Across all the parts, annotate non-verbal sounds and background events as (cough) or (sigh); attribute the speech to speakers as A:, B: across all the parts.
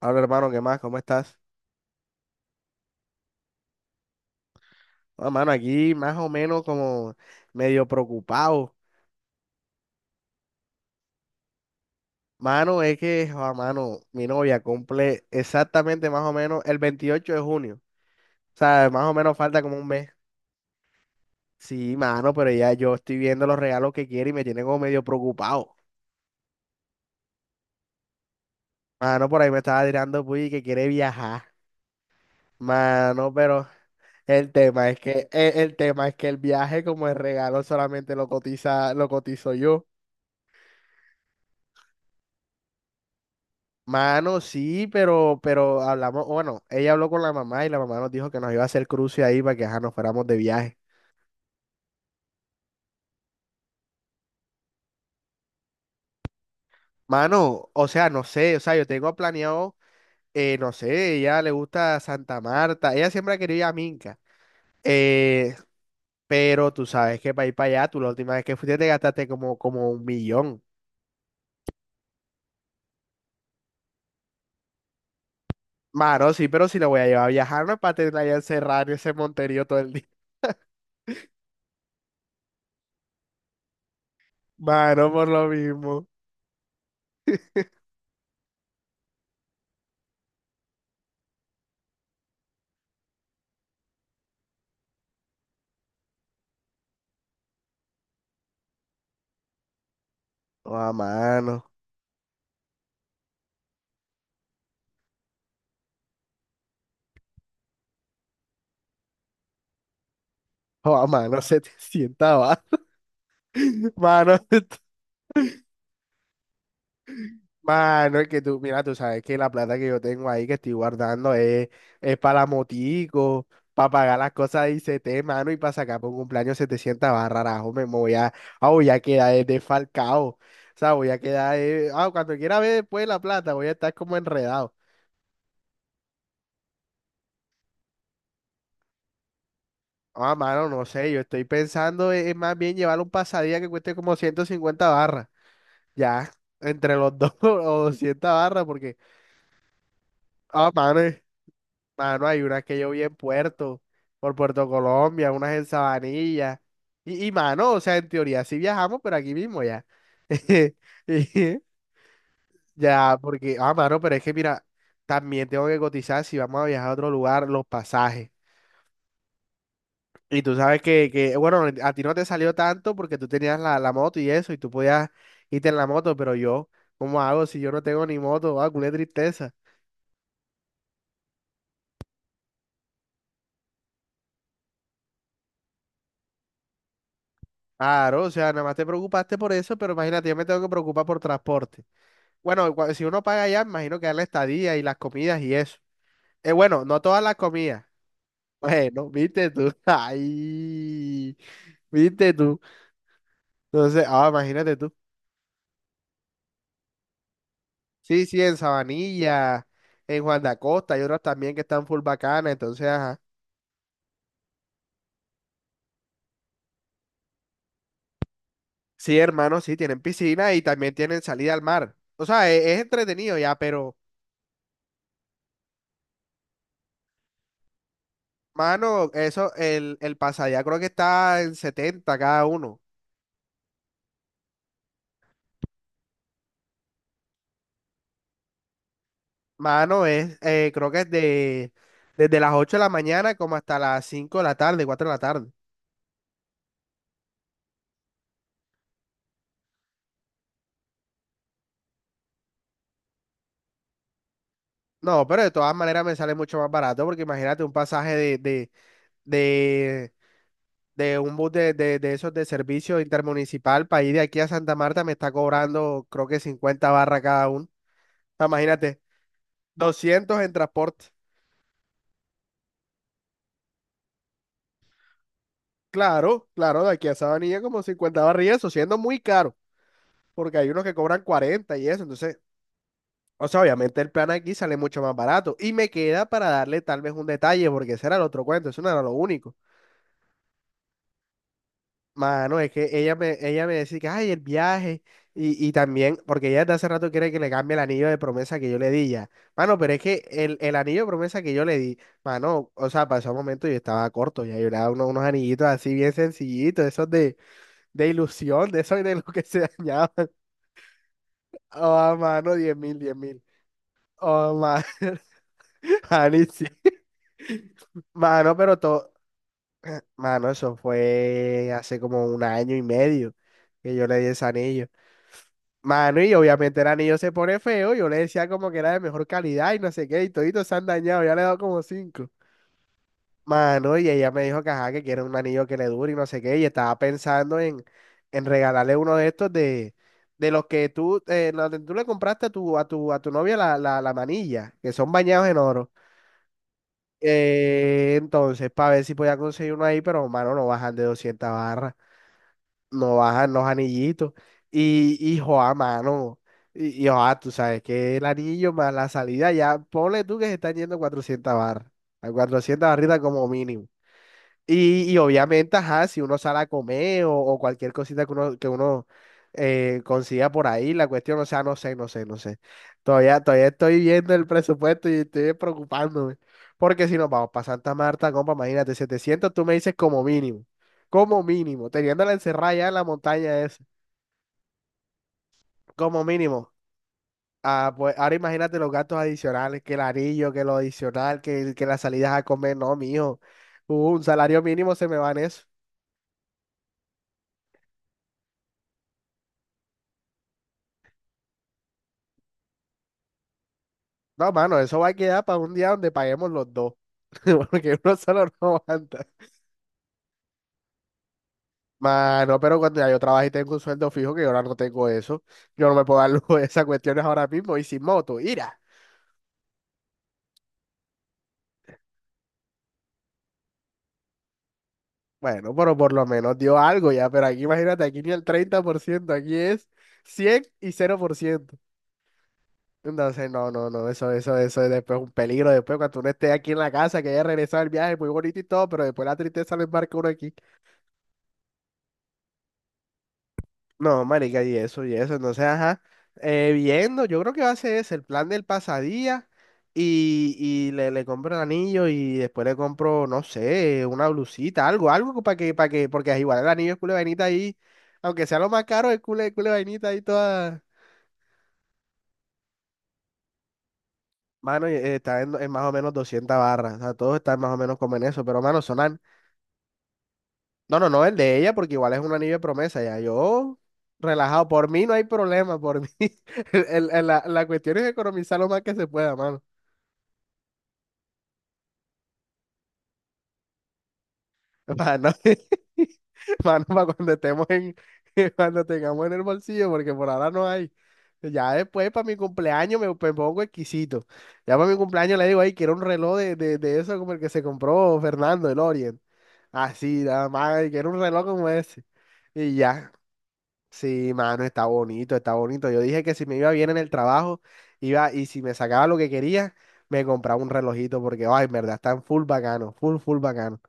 A: Hola hermano, ¿qué más? ¿Cómo estás? Ah, mano, aquí más o menos como medio preocupado. Mano, es que, ah, mano, mi novia cumple exactamente más o menos el 28 de junio. O sea, más o menos falta como un mes. Sí, mano, pero ya yo estoy viendo los regalos que quiere y me tiene como medio preocupado. Mano, por ahí me estaba tirando puy que quiere viajar. Mano, pero el tema es que el viaje como el regalo solamente lo cotizo yo. Mano, sí, pero hablamos, bueno, ella habló con la mamá y la mamá nos dijo que nos iba a hacer cruce ahí para que ajá, nos fuéramos de viaje. Mano, o sea, no sé, o sea, yo tengo planeado, no sé, ella le gusta Santa Marta, ella siempre ha querido ir a Minca, eh, pero tú sabes que para ir para allá, tú la última vez que fuiste te gastaste como, como un millón. Mano, sí, pero si la voy a llevar a viajar, no es para tenerla allá encerrada en ese monterío todo el día. (laughs) Mano, por lo mismo. Oh, mano. Oh, mano, (laughs) se te sienta, va. (laughs) Mano, (laughs) Mano, es que tú, mira, tú sabes que la plata que yo tengo ahí que estoy guardando es para la motico, para pagar las cosas de ICT, mano, y para sacar por un cumpleaños 700 barras, rajo, me voy a, voy a quedar desfalcado, o sea, voy a quedar, cuando quiera ver después la plata, voy a estar como enredado. Ah, mano, no sé, yo estoy pensando es más bien llevar un pasadía que cueste como 150 barras, ya, entre los dos (laughs) o 200 barras, porque, ah, mano. Mano, hay unas que yo vi en Puerto, por Puerto Colombia, unas en Sabanilla. Y mano, o sea, en teoría sí viajamos, pero aquí mismo ya. (laughs) Y ya, porque, ah, mano, pero es que mira, también tengo que cotizar si vamos a viajar a otro lugar, los pasajes. Y tú sabes que, bueno, a ti no te salió tanto porque tú tenías la moto y eso, y tú podías irte en la moto, pero yo, ¿cómo hago si yo no tengo ni moto? Ah, culé tristeza. Claro, o sea, nada más te preocupaste por eso, pero imagínate, yo me tengo que preocupar por transporte. Bueno, si uno paga allá, me imagino que da la estadía y las comidas y eso. Bueno, no todas las comidas. (laughs) Bueno, viste tú. (laughs) Ay, viste tú. Entonces, ah, imagínate tú. Sí, sí, en Sabanilla, en Juan de Acosta, y otras también que están full bacanas. Entonces, ajá. Sí, hermano, sí, tienen piscina y también tienen salida al mar. O sea, es, entretenido ya, pero, mano, eso, el pase allá creo que está en 70 cada uno. Mano, es, creo que es de, desde las 8 de la mañana como hasta las 5 de la tarde, 4 de la tarde. No, pero de todas maneras me sale mucho más barato porque imagínate un pasaje de, de un bus de esos de servicio intermunicipal para ir de aquí a Santa Marta me está cobrando creo que 50 barras cada uno. Ah, imagínate, 200 en transporte. Claro, claro, de aquí a Sabanilla como 50 barras y eso, siendo muy caro, porque hay unos que cobran 40 y eso, entonces… O sea, obviamente el plan aquí sale mucho más barato. Y me queda para darle tal vez un detalle, porque ese era el otro cuento, eso no era lo único. Mano, es que ella me decía que, ay, el viaje. Y también, porque ella desde hace rato quiere que le cambie el anillo de promesa que yo le di ya. Mano, pero es que el anillo de promesa que yo le di, mano, o sea, pasó un momento y yo estaba corto, ya yo le daba unos, anillitos así bien sencillitos, esos de ilusión, de esos de los que se dañaban. (laughs) Oh, mano, 10.000, 10.000. Oh, man, (laughs) Ani, sí. Mano, pero todo, mano, eso fue hace como un año y medio que yo le di ese anillo. Mano, y obviamente el anillo se pone feo, yo le decía como que era de mejor calidad y no sé qué, y toditos se han dañado, ya le he dado como cinco. Mano, y ella me dijo que ajá, que quiere un anillo que le dure y no sé qué, y estaba pensando en regalarle uno de estos de los que tú le compraste a tu novia la manilla, que son bañados en oro. Entonces, para ver si podía conseguir uno ahí, pero mano, no bajan de 200 barras, no bajan los anillitos. Y joa, mano, y joa, tú sabes que el anillo más la salida, ya ponle tú que se están yendo 400 barras, a 400 barritas como mínimo. Y obviamente, ajá, si uno sale a comer o cualquier cosita que uno consiga por ahí, la cuestión, o sea, no sé, no sé, no sé. Todavía, todavía estoy viendo el presupuesto y estoy preocupándome. Porque si nos vamos para Santa Marta, compa, imagínate, 700 tú me dices como mínimo, teniéndola encerrada ya en la montaña esa, como mínimo. Ah, pues ahora imagínate los gastos adicionales, que el anillo, que lo adicional, que las salidas a comer, no, mijo. Un salario mínimo se me va en eso. No, mano, eso va a quedar para un día donde paguemos los dos. (laughs) Porque uno solo no aguanta. Mano, pero cuando ya yo trabajo y tengo un sueldo fijo, que yo ahora no tengo eso, yo no me puedo dar lujo de esas cuestiones ahora mismo y sin moto, ira. Bueno, pero por lo menos dio algo ya, pero aquí imagínate, aquí ni el 30% aquí es 100 y 0%. Entonces, no, no, no, eso es después un peligro, después cuando uno esté aquí en la casa, que haya regresado el viaje, muy bonito y todo, pero después la tristeza lo embarca uno aquí. No, marica, y eso, y eso. Entonces, ajá, viendo, yo creo que va a ser ese, el plan del pasadía y le compro el anillo y después le compro, no sé, una blusita, algo, algo para que, porque igual el anillo es culo de vainita ahí, aunque sea lo más caro, es culo de vainita ahí toda, mano, y, está en más o menos 200 barras, o sea, todos están más o menos como en eso, pero, mano, son. No, no, no, el de ella, porque igual es un anillo de promesa, ya yo relajado, por mí no hay problema, por mí. (laughs) La cuestión es economizar lo más que se pueda, mano. Para (laughs) Mano, para cuando estemos en, (laughs) cuando tengamos en el bolsillo, porque por ahora no hay. Ya después, para mi cumpleaños, me pongo exquisito. Ya para mi cumpleaños le digo, ay, quiero un reloj de eso como el que se compró Fernando, el Orient. Así, nada más, ay, quiero un reloj como ese. Y ya. Sí, mano, está bonito, está bonito. Yo dije que si me iba bien en el trabajo, iba, y si me sacaba lo que quería, me compraba un relojito, porque, ay, en verdad, están full bacano, full, full bacano.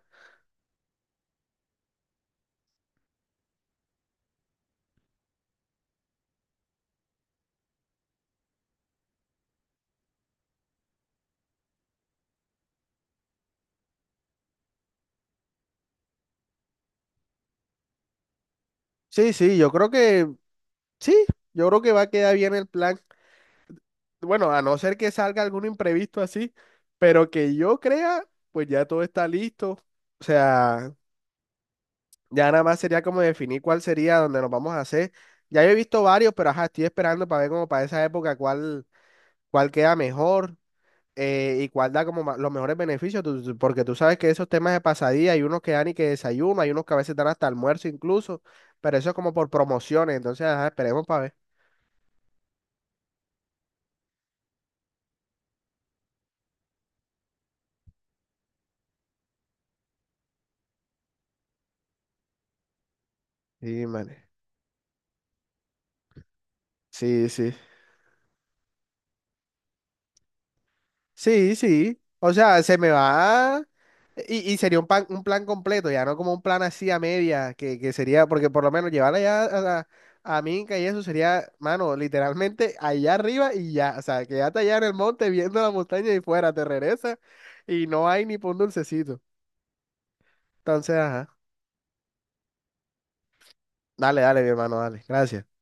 A: Sí, sí, yo creo que, sí, yo creo que va a quedar bien el plan. Bueno, a no ser que salga algún imprevisto así, pero que yo crea, pues ya todo está listo. O sea, ya nada más sería como definir cuál sería donde nos vamos a hacer. Ya yo he visto varios, pero ajá, estoy esperando para ver como para esa época cuál, cuál queda mejor. Y cuál da como los mejores beneficios, porque tú sabes que esos temas de pasadía hay unos que dan y que desayuno, hay unos que a veces dan hasta almuerzo incluso, pero eso es como por promociones, entonces ajá, esperemos para ver. Sí, man. Sí, sí. Sí, sí. O sea, se me va. Y sería un, un plan completo, ya no como un plan así a media, que sería, porque por lo menos llevarla ya a, a Minca y eso sería, mano, literalmente allá arriba y ya, o sea, quédate allá en el monte viendo la montaña y fuera, te regresa y no hay ni por un dulcecito. Entonces, ajá, dale, dale, mi hermano, dale, gracias.